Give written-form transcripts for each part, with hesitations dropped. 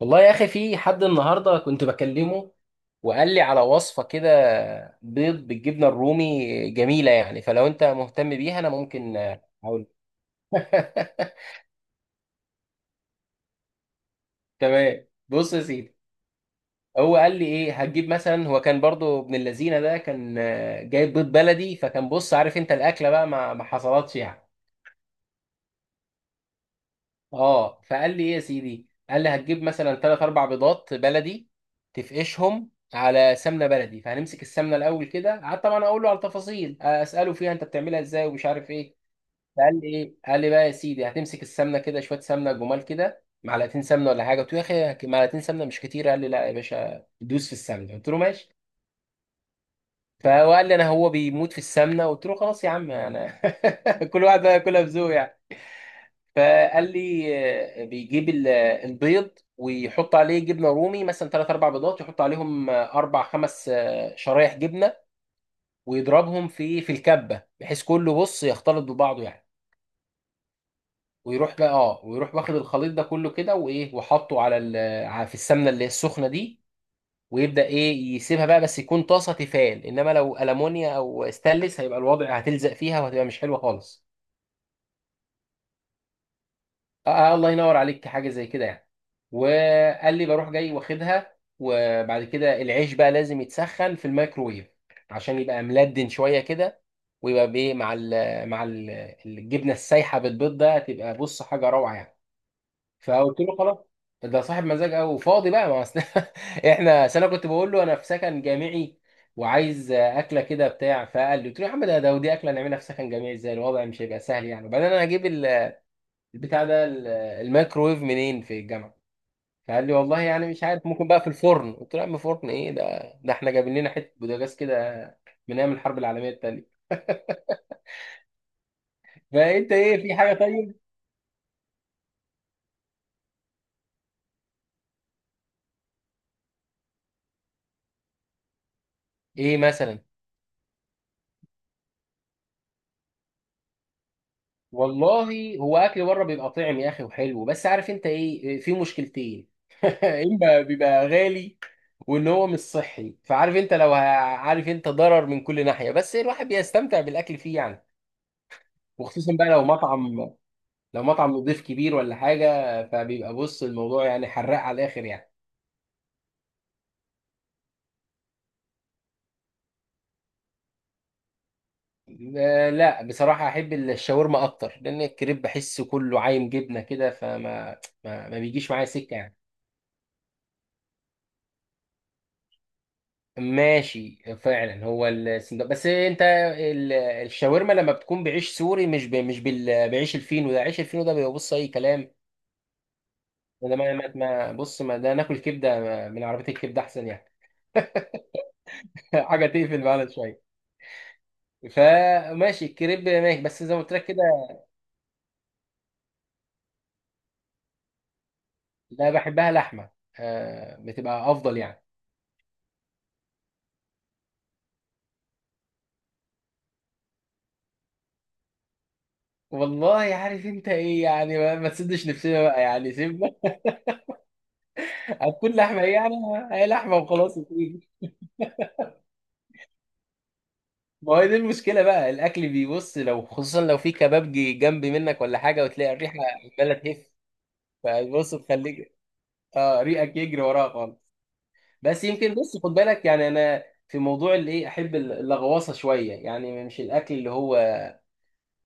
والله يا اخي في حد النهارده كنت بكلمه، وقال لي على وصفه كده. بيض بالجبنه الرومي، جميله يعني. فلو انت مهتم بيها انا ممكن اقول. تمام، بص يا سيدي. هو قال لي ايه؟ هتجيب مثلا، هو كان برضو ابن اللذينه ده كان جايب بيض بلدي، فكان بص، عارف انت الاكله بقى ما حصلتش يعني. اه، فقال لي ايه يا سيدي. قال لي هتجيب مثلا ثلاث اربع بيضات بلدي، تفقشهم على سمنه بلدي، فهنمسك السمنه الاول كده. قعدت طبعا اقول له على التفاصيل، اساله فيها انت بتعملها ازاي ومش عارف ايه. فقال لي ايه، قال لي بقى يا سيدي، هتمسك السمنه كده شويه سمنه جمال كده، معلقتين سمنه ولا حاجه. قلت له يا اخي معلقتين سمنه مش كتير؟ قال لي لا يا باشا، دوس في السمنه. قلت له ماشي. فهو قال لي انا هو بيموت في السمنه. قلت له خلاص يا عم انا. كل واحد بقى ياكلها بذوق يعني. فقال لي بيجيب البيض، ويحط عليه جبنه رومي، مثلا ثلاث اربع بيضات يحط عليهم اربع خمس شرايح جبنه، ويضربهم في الكبه بحيث كله بص يختلط ببعضه يعني. ويروح بقى اه ويروح واخد الخليط ده كله كده، وايه، وحطه على في السمنه اللي هي السخنه دي، ويبدا ايه يسيبها بقى. بس يكون طاسه تيفال، انما لو المونيا او استانلس هيبقى الوضع هتلزق فيها وهتبقى مش حلوه خالص. الله ينور عليك، حاجه زي كده يعني. وقال لي بروح جاي واخدها، وبعد كده العيش بقى لازم يتسخن في الميكروويف عشان يبقى ملدن شويه كده، ويبقى بايه مع ال مع ال الجبنه السايحه بالبيض ده. تبقى بص حاجه روعه يعني. فقلت له خلاص، ده صاحب مزاج قوي وفاضي بقى. ما أصل احنا أصل انا كنت بقول له انا في سكن جامعي وعايز اكله كده بتاع. فقال لي، قلت له يا عم ده ودي اكله نعملها في سكن جامعي ازاي؟ الوضع مش هيبقى سهل يعني. وبعدين انا هجيب البتاع ده الميكروويف منين في الجامعه؟ فقال لي والله يعني مش عارف، ممكن بقى في الفرن. قلت له يا عم فرن ايه ده؟ ده احنا جايبين لنا حته بوتاجاز كده من ايام الحرب العالميه الثانيه. فانت ايه، في حاجه طيب؟ ايه مثلا؟ والله هو اكل بره بيبقى طعم يا اخي وحلو، بس عارف انت ايه، في مشكلتين. اما بيبقى غالي، وان هو مش صحي. فعارف انت لو عارف انت ضرر من كل ناحيه، بس الواحد بيستمتع بالاكل فيه يعني. وخصوصا بقى لو مطعم، لو مطعم نضيف كبير ولا حاجة، فبيبقى بص الموضوع يعني حراق على الآخر يعني. لا بصراحة أحب الشاورما أكتر، لأن الكريب بحسه كله عايم جبنة كده، فما ما, ما بيجيش معايا سكة يعني. ماشي فعلا، هو السندوتش بس، أنت الشاورما لما بتكون بعيش سوري مش ب... مش بال... بعيش الفينو ده. عيش الفينو ده بيبقى بص أي كلام. ده بص ما ده ناكل كبدة من عربية الكبدة أحسن يعني. حاجة تقفل معانا شوية. فماشي الكريب ماشي، بس زي ما قلت لك كده. لا بحبها لحمة، آه بتبقى أفضل يعني. والله عارف انت ايه يعني، ما تسدش نفسنا بقى يعني، سيبنا. هتكون لحمة ايه يعني، هي لحمة وخلاص يا سيدي. ما هي دي المشكلة بقى، الأكل بيبص لو خصوصا لو في كباب جي جنب منك ولا حاجة، وتلاقي الريحة عمالة تهف، فبص تخليك، اه ريقك يجري وراها خالص. بس يمكن بص خد بالك يعني، أنا في موضوع الايه أحب اللغواصة شوية يعني، مش الأكل اللي هو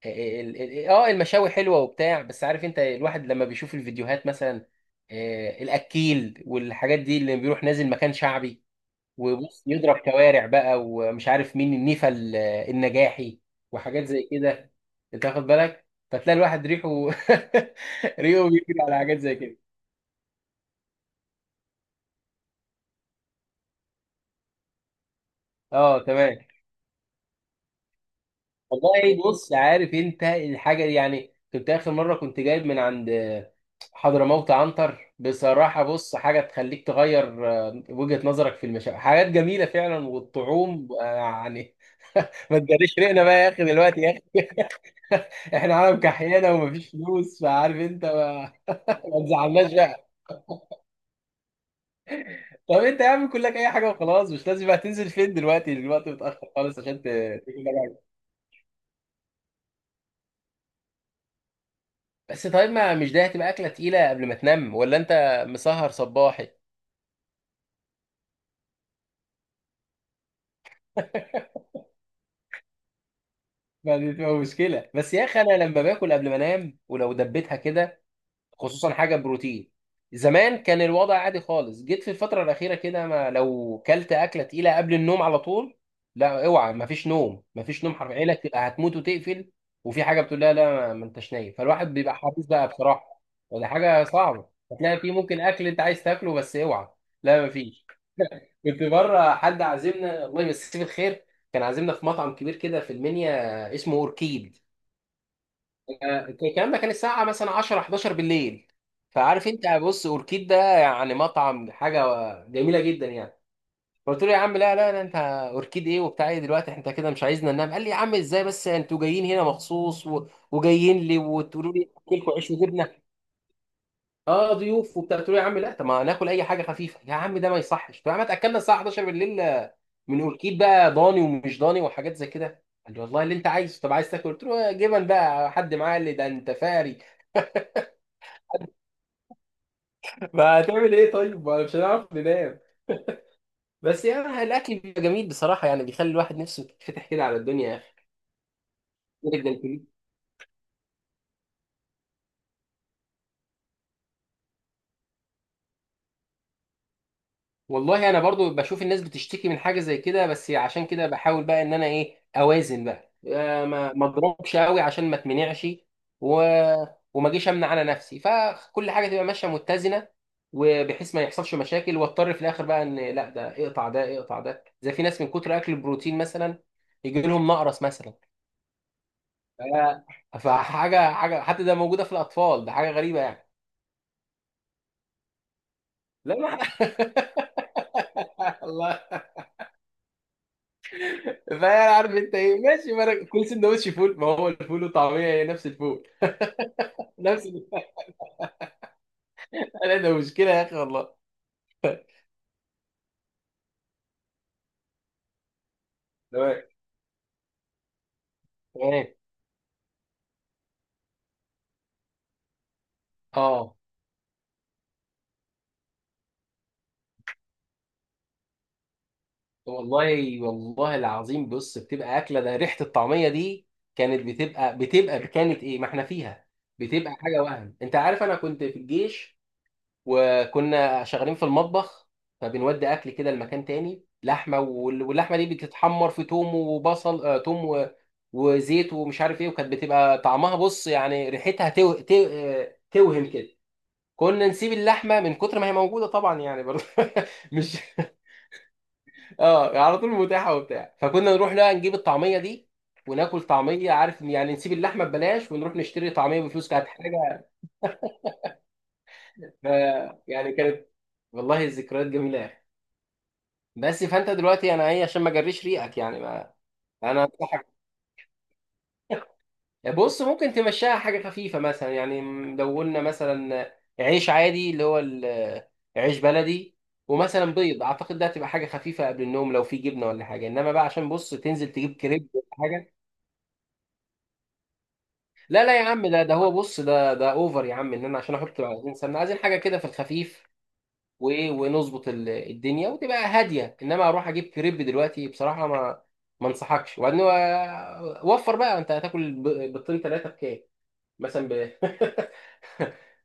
المشاوي حلوه وبتاع، بس عارف انت الواحد لما بيشوف الفيديوهات مثلا، الاكيل والحاجات دي، اللي بيروح نازل مكان شعبي وبص يضرب كوارع بقى، ومش عارف مين النيفا النجاحي وحاجات زي كده، انت واخد بالك؟ فتلاقي الواحد ريحه ريحه بيجري على حاجات زي كده. اه تمام. والله بص عارف انت الحاجه دي يعني، كنت اخر مره كنت جايب من عند حضرموت عنتر بصراحه، بص حاجه تخليك تغير وجهه نظرك في المشاكل، حاجات جميله فعلا، والطعوم يعني. ما تجريش ريقنا بقى يا اخي دلوقتي يا اخي. احنا عالم كحيانه ومفيش فلوس، فعارف انت ما تزعلناش بقى. طب انت يا عم كلك اي حاجه وخلاص، مش لازم بقى تنزل فين دلوقتي، دلوقتي متاخر خالص عشان تجيب حاجة. بس طيب، ما مش ده هتبقى اكله تقيله قبل ما تنام؟ ولا انت مسهر صباحي؟ ما دي تبقى مشكله بس يا اخي، انا لما باكل قبل ما انام ولو دبيتها كده، خصوصا حاجه بروتين. زمان كان الوضع عادي خالص، جيت في الفتره الاخيره كده، ما لو كلت اكله تقيله قبل النوم على طول، لا اوعى، ما فيش نوم، ما فيش نوم حرفيا. عينك تبقى هتموت وتقفل، وفي حاجه بتقول لها لا ما انتش نايم. فالواحد بيبقى حريص بقى بصراحه، ولا حاجه صعبه. هتلاقي في ممكن اكل انت عايز تاكله، بس اوعى، لا ما فيش. كنت بره، حد عازمنا الله يمسيه بالخير، كان عازمنا في مطعم كبير كده في المنيا اسمه اوركيد. الكلام ده كان الساعه مثلا 10 11 بالليل. فعارف انت بص اوركيد ده يعني مطعم حاجه جميله جدا يعني. قلت له يا عم لا لا لا، انت اوركيد ايه وبتاع ايه دلوقتي، انت كده مش عايزنا ننام. قال لي يا عم ازاي بس، انتوا جايين هنا مخصوص وجايين لي وتقولوا لي اكلكم عيش وجبنه. اه ضيوف وبتاع. قلت له يا عم لا، طب ما ناكل اي حاجه خفيفه يا عم، ده ما يصحش. طب يا عم اتاكلنا الساعه 11 بالليل من اوركيد بقى ضاني ومش ضاني وحاجات زي كده؟ قال لي والله اللي انت عايزه، طب عايز تاكل؟ قلت له جبن بقى، حد معاه اللي ده انت فاري. ما هتعمل ايه طيب، ما مش هنعرف ننام. بس يعني الاكل بيبقى جميل بصراحه يعني، بيخلي الواحد نفسه تتفتح كده على الدنيا يا اخي. والله انا برضو بشوف الناس بتشتكي من حاجه زي كده، بس عشان كده بحاول بقى ان انا ايه اوازن بقى، ما اضربش قوي عشان ما اتمنعش، و... وما اجيش امنع على نفسي، فكل حاجه تبقى ماشيه متزنه، وبحيث ما يحصلش مشاكل واضطر في الاخر بقى ان لا ده اقطع ده اقطع ده. زي في ناس من كتر اكل البروتين مثلا يجي لهم نقرس مثلا، ف- فحاجه حاجه، حتى ده موجوده في الاطفال، ده حاجه غريبه يعني. لا لا الله. فانا عارف انت ايه، ماشي، ما انا كل سندوتش فول، ما هو الفول وطعميه هي نفس الفول، نفس انا ده مشكله يا اخي والله. تمام تمام. اه والله والله العظيم بص، بتبقى اكله، ده ريحه الطعميه دي كانت بتبقى كانت ايه، ما احنا فيها، بتبقى حاجه وهم. انت عارف انا كنت في الجيش وكنا شغالين في المطبخ، فبنودي اكل كده لمكان تاني، لحمه واللحمه دي بتتحمر في توم وبصل، آه توم وزيت ومش عارف ايه، وكانت بتبقى طعمها بص يعني ريحتها تو... تو... آه، توهم كده. كنا نسيب اللحمه من كتر ما هي موجوده طبعا يعني برضه. مش، اه على طول متاحه وبتاع، فكنا نروح بقى نجيب الطعميه دي وناكل طعميه، عارف يعني، نسيب اللحمه ببلاش ونروح نشتري طعميه بفلوس. كانت حاجه ف- يعني كانت، والله الذكريات جميله. بس فانت دلوقتي انا ايه عشان ما اجريش ريقك يعني ما. انا بص ممكن تمشيها حاجه خفيفه مثلا يعني، لو قلنا مثلا عيش عادي اللي هو عيش بلدي، ومثلا بيض، اعتقد ده هتبقى حاجه خفيفه قبل النوم، لو في جبنه ولا حاجه. انما بقى عشان بص تنزل تجيب كريب ولا حاجه، لا لا يا عم، ده هو بص ده اوفر يا عم. ان انا عشان احط 20 سنه عايزين حاجه كده في الخفيف وايه، ونظبط الدنيا وتبقى هاديه. انما اروح اجيب كريب دلوقتي بصراحه ما انصحكش. وبعدين وفر بقى، انت هتاكل بيضتين ثلاثه بكام مثلا، ب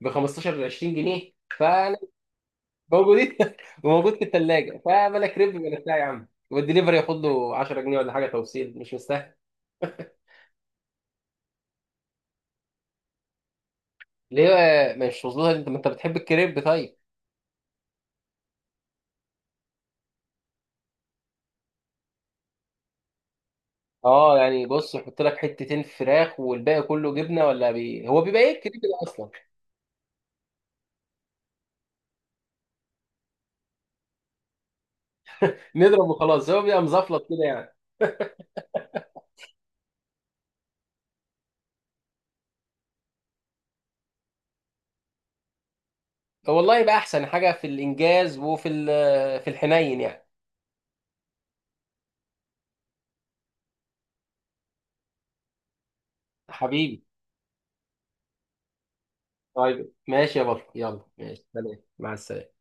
ب 15 20 جنيه. فانا موجودين وموجود في الثلاجه، فبلا كريب بلا بتاع يا عم، والدليفري ياخد له 10 جنيه ولا حاجه توصيل، مش مستاهل. ليه بقى مش مظبوط، انت ما انت بتحب الكريب طيب؟ اه يعني بص يحط لك حتتين فراخ والباقي كله جبنه، ولا هو بيبقى ايه الكريب ده اصلا؟ نضرب وخلاص، هو بيبقى مزفلط كده يعني. والله يبقى احسن حاجه، في الانجاز وفي في الحنين يعني. حبيبي. طيب ماشي يا بطل، يلا ماشي، سلام، مع السلامه.